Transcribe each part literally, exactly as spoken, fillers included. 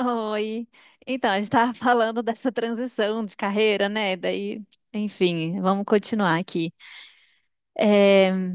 Oi. Então, a gente estava falando dessa transição de carreira, né? Daí, enfim, vamos continuar aqui. É,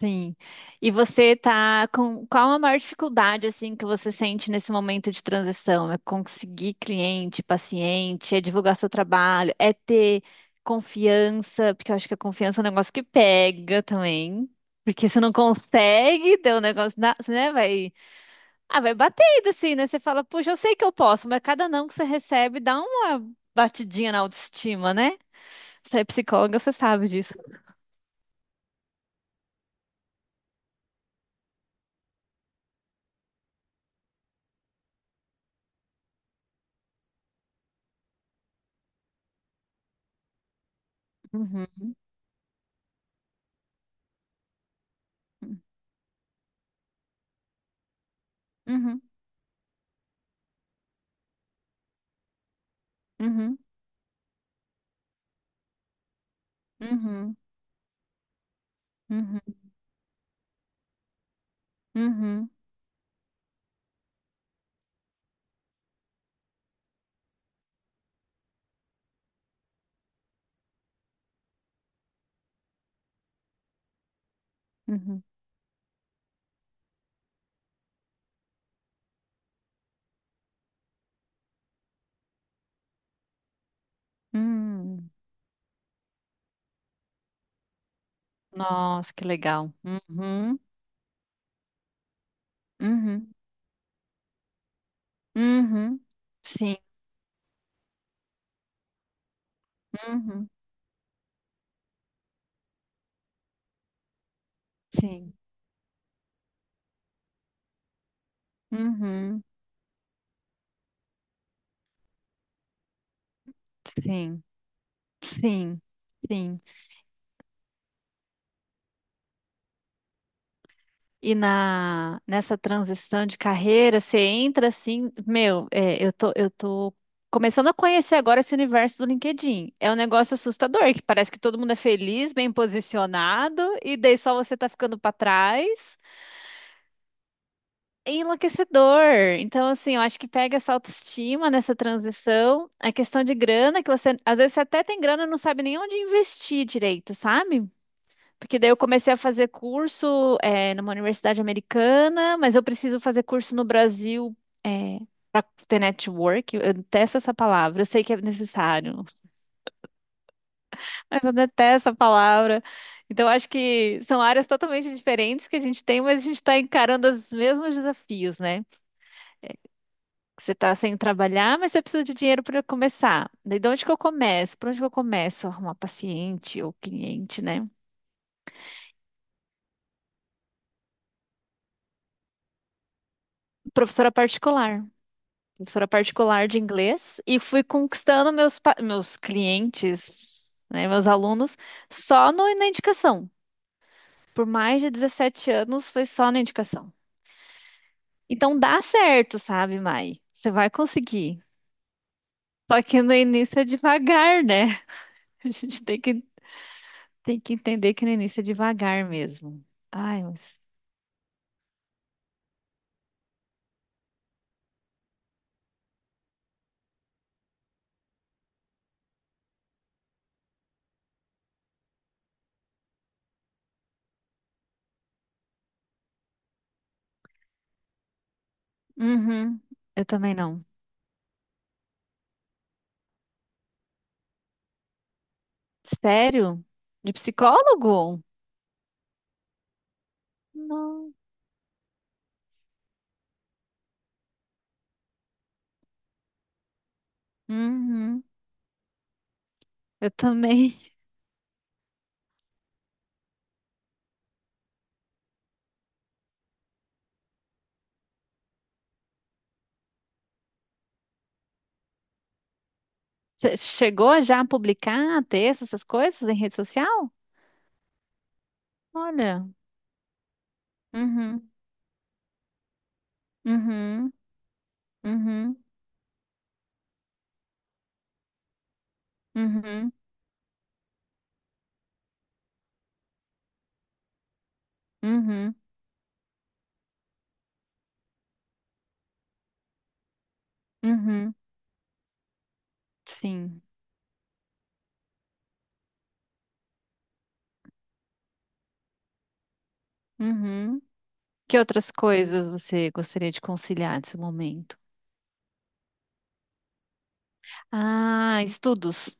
sim. E você tá com qual a maior dificuldade assim que você sente nesse momento de transição? É conseguir cliente, paciente, é divulgar seu trabalho, é ter confiança, porque eu acho que a confiança é um negócio que pega também. Porque você não consegue ter um negócio, na- né? Vai Ah, vai batendo assim, né? Você fala, puxa, eu sei que eu posso, mas cada não que você recebe dá uma batidinha na autoestima, né? Você é psicóloga, você sabe disso. Uhum, uhum, uhum, uhum, uhum, uhum, uhum, uhum. Nossa, que legal. Uhum, uhum, uhum. Sim, uhum, sim, uhum, sim, sim, sim. E na, nessa transição de carreira, você entra assim, meu, é, eu tô, eu tô começando a conhecer agora esse universo do LinkedIn. É um negócio assustador, que parece que todo mundo é feliz, bem posicionado, e daí só você tá ficando pra trás. É enlouquecedor. Então, assim, eu acho que pega essa autoestima nessa transição, a questão de grana, que você, às vezes você até tem grana e não sabe nem onde investir direito, sabe? Porque daí eu comecei a fazer curso, é, numa universidade americana, mas eu preciso fazer curso no Brasil, é, para ter network. Eu detesto essa palavra, eu sei que é necessário, mas eu detesto essa palavra. Então, acho que são áreas totalmente diferentes que a gente tem, mas a gente está encarando os mesmos desafios, né? Você está sem trabalhar, mas você precisa de dinheiro para começar. Daí, de onde que eu começo? Por onde que eu começo a arrumar paciente ou cliente, né? Professora particular. Professora particular de inglês e fui conquistando meus, pa- meus clientes, né, meus alunos, só no- na indicação. Por mais de dezessete anos foi só na indicação. Então dá certo, sabe, Mai? Você vai conseguir. Só que no início é devagar, né? A gente tem que, tem que entender que no início é devagar mesmo. Ai, mas. Uhum, eu também não. Sério? De psicólogo? Não. Uhum, eu também. Você chegou já a publicar texto, essas coisas em rede social? Olha. Uhum, uhum, uhum, uhum, uhum, uhum. Sim. Uhum. Que outras coisas você gostaria de conciliar nesse momento? Ah, estudos.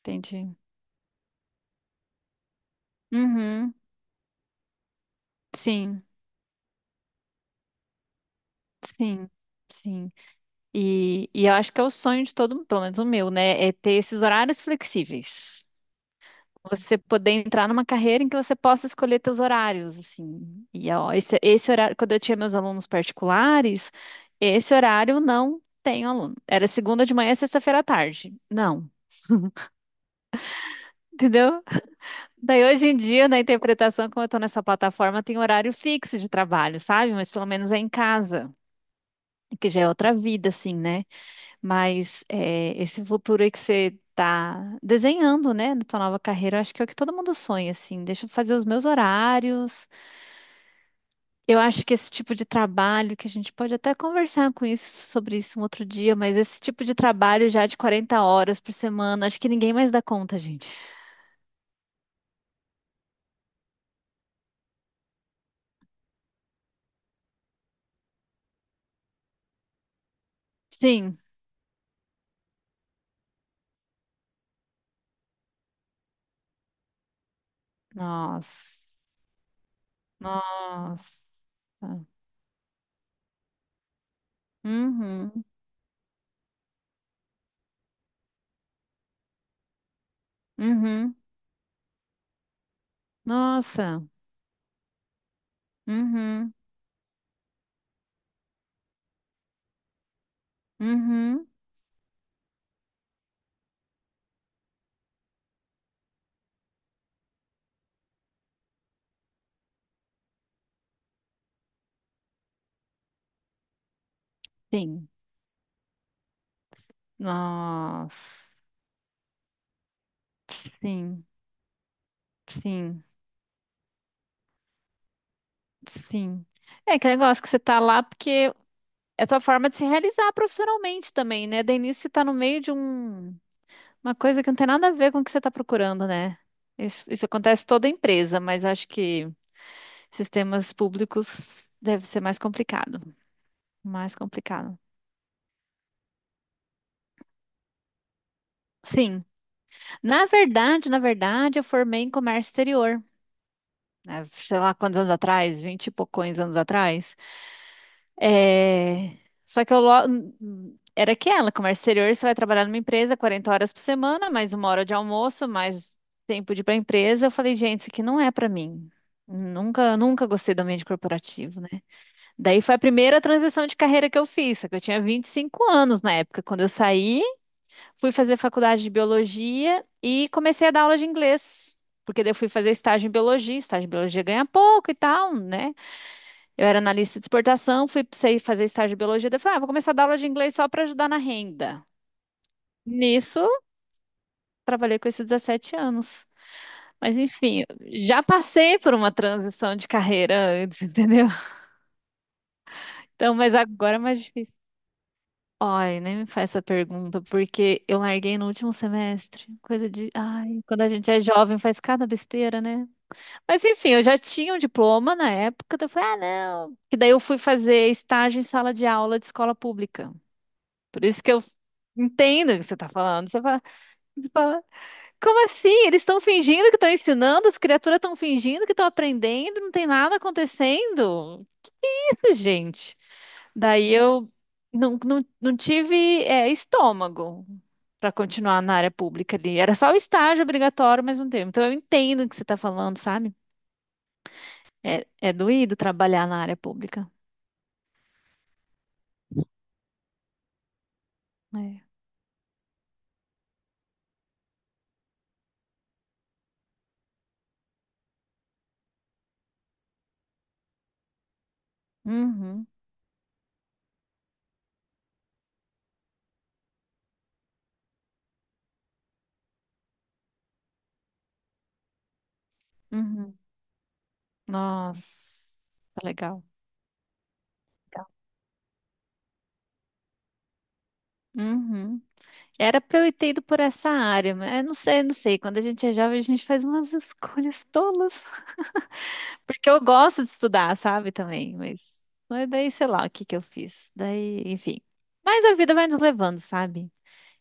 Entendi. Uhum. Sim, sim, sim. E, e eu acho que é o sonho de todo mundo, pelo menos o meu, né? É ter esses horários flexíveis. Você poder entrar numa carreira em que você possa escolher teus horários, assim. E ó, esse, esse horário, quando eu tinha meus alunos particulares, esse horário não tem aluno. Era segunda de manhã e sexta-feira à tarde. Não. Entendeu? Daí hoje em dia, na interpretação, como eu estou nessa plataforma, tem horário fixo de trabalho, sabe? Mas pelo menos é em casa, que já é outra vida, assim, né? Mas é, esse futuro aí que você tá desenhando, né, na tua nova carreira, eu acho que é o que todo mundo sonha, assim. Deixa eu fazer os meus horários. Eu acho que esse tipo de trabalho, que a gente pode até conversar com isso, sobre isso um outro dia, mas esse tipo de trabalho já de 40 horas por semana, acho que ninguém mais dá conta, gente. Sim. Nossa. Nossa. Uhum. Uhum. Nossa. Uhum. Uhum. Sim. Nossa. Sim. Sim. Sim. É aquele negócio que você tá lá porque é a tua forma de se realizar profissionalmente também, né? Daí nisso você tá no meio de um. Uma coisa que não tem nada a ver com o que você está procurando, né? Isso, isso acontece em toda empresa, mas acho que sistemas públicos deve ser mais complicado. Mais complicado. Sim. Na verdade, na verdade, eu formei em comércio exterior. Né? Sei lá quantos anos atrás, vinte e poucos anos atrás. É. Só que eu lo- hum, era aquela, comércio exterior, você vai trabalhar numa empresa quarenta horas por semana, mais uma hora de almoço, mais tempo de ir para a empresa. Eu falei, gente, isso aqui não é para mim. Nunca, nunca gostei do ambiente corporativo, né? Daí foi a primeira transição de carreira que eu fiz, só que eu tinha vinte e cinco anos na época. Quando eu saí, fui fazer faculdade de biologia e comecei a dar aula de inglês. Porque daí eu fui fazer estágio em biologia, estágio em biologia ganha pouco e tal, né? Eu era analista de exportação, fui sei fazer estágio de biologia, daí eu falei, ah, vou começar a dar aula de inglês só para ajudar na renda. Nisso, trabalhei com isso dezessete anos. Mas enfim, já passei por uma transição de carreira antes, entendeu? Então, mas agora é mais difícil. Ai, nem me faz essa pergunta, porque eu larguei no último semestre. Coisa de. Ai, quando a gente é jovem, faz cada besteira, né? Mas enfim, eu já tinha um diploma na época, então eu falei, ah, não. E daí eu fui fazer estágio em sala de aula de escola pública. Por isso que eu entendo o que você está falando. Você fala, você fala, como assim? Eles estão fingindo que estão ensinando, as criaturas estão fingindo que estão aprendendo, não tem nada acontecendo. Que isso, gente. Daí eu não, não, não tive, é, estômago para continuar na área pública ali. Era só o estágio obrigatório, mas não teve. Então eu entendo o que você está falando, sabe? É, é doído trabalhar na área pública. É. Uhum, uhum. Nossa, tá legal. Legal. Uhum. Era pra eu ter ido por essa área, mas eu não sei, não sei. Quando a gente é jovem, a gente faz umas escolhas tolas. Porque eu gosto de estudar, sabe, também. Mas, mas daí, sei lá, o que que eu fiz. Daí, enfim. Mas a vida vai nos levando, sabe?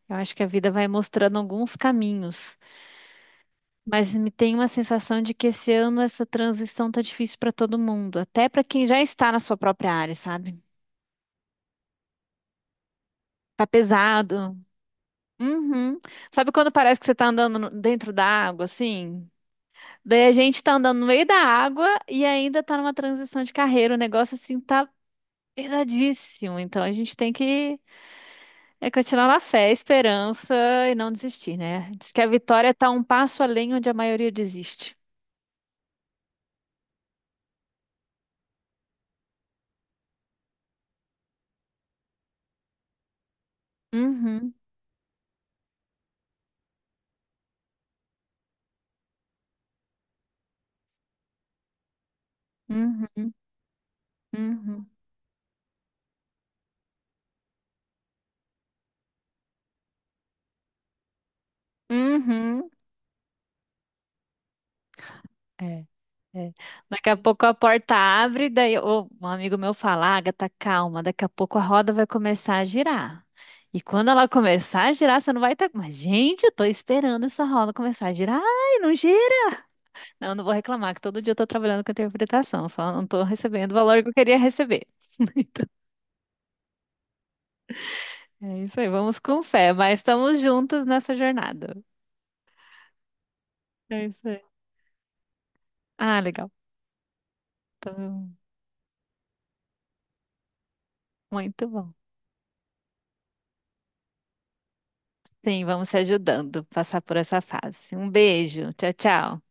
Eu acho que a vida vai mostrando alguns caminhos. Mas me tem uma sensação de que esse ano essa transição tá difícil pra todo mundo. Até pra quem já está na sua própria área, sabe? Tá pesado. Uhum. Sabe quando parece que você tá andando no- dentro da água, assim? Daí a gente tá andando no meio da água e ainda tá numa transição de carreira. O negócio assim tá pesadíssimo. Então a gente tem que é, continuar na fé, esperança e não desistir, né? Diz que a vitória tá um passo além onde a maioria desiste. Uhum, uhum, uhum, uhum. É, é. Daqui a pouco a porta abre, daí ô, um amigo meu fala, Agatha, calma, daqui a pouco a roda vai começar a girar. E quando ela começar a girar, você não vai estar. Mas, gente, eu tô esperando essa roda começar a girar. Ai, não gira. Não, não vou reclamar, que todo dia eu tô trabalhando com interpretação, só não tô recebendo o valor que eu queria receber. Então, é isso aí, vamos com fé, mas estamos juntos nessa jornada. É isso aí. Ah, legal. Então, muito bom. Sim, vamos se ajudando a passar por essa fase. Um beijo. Tchau, tchau.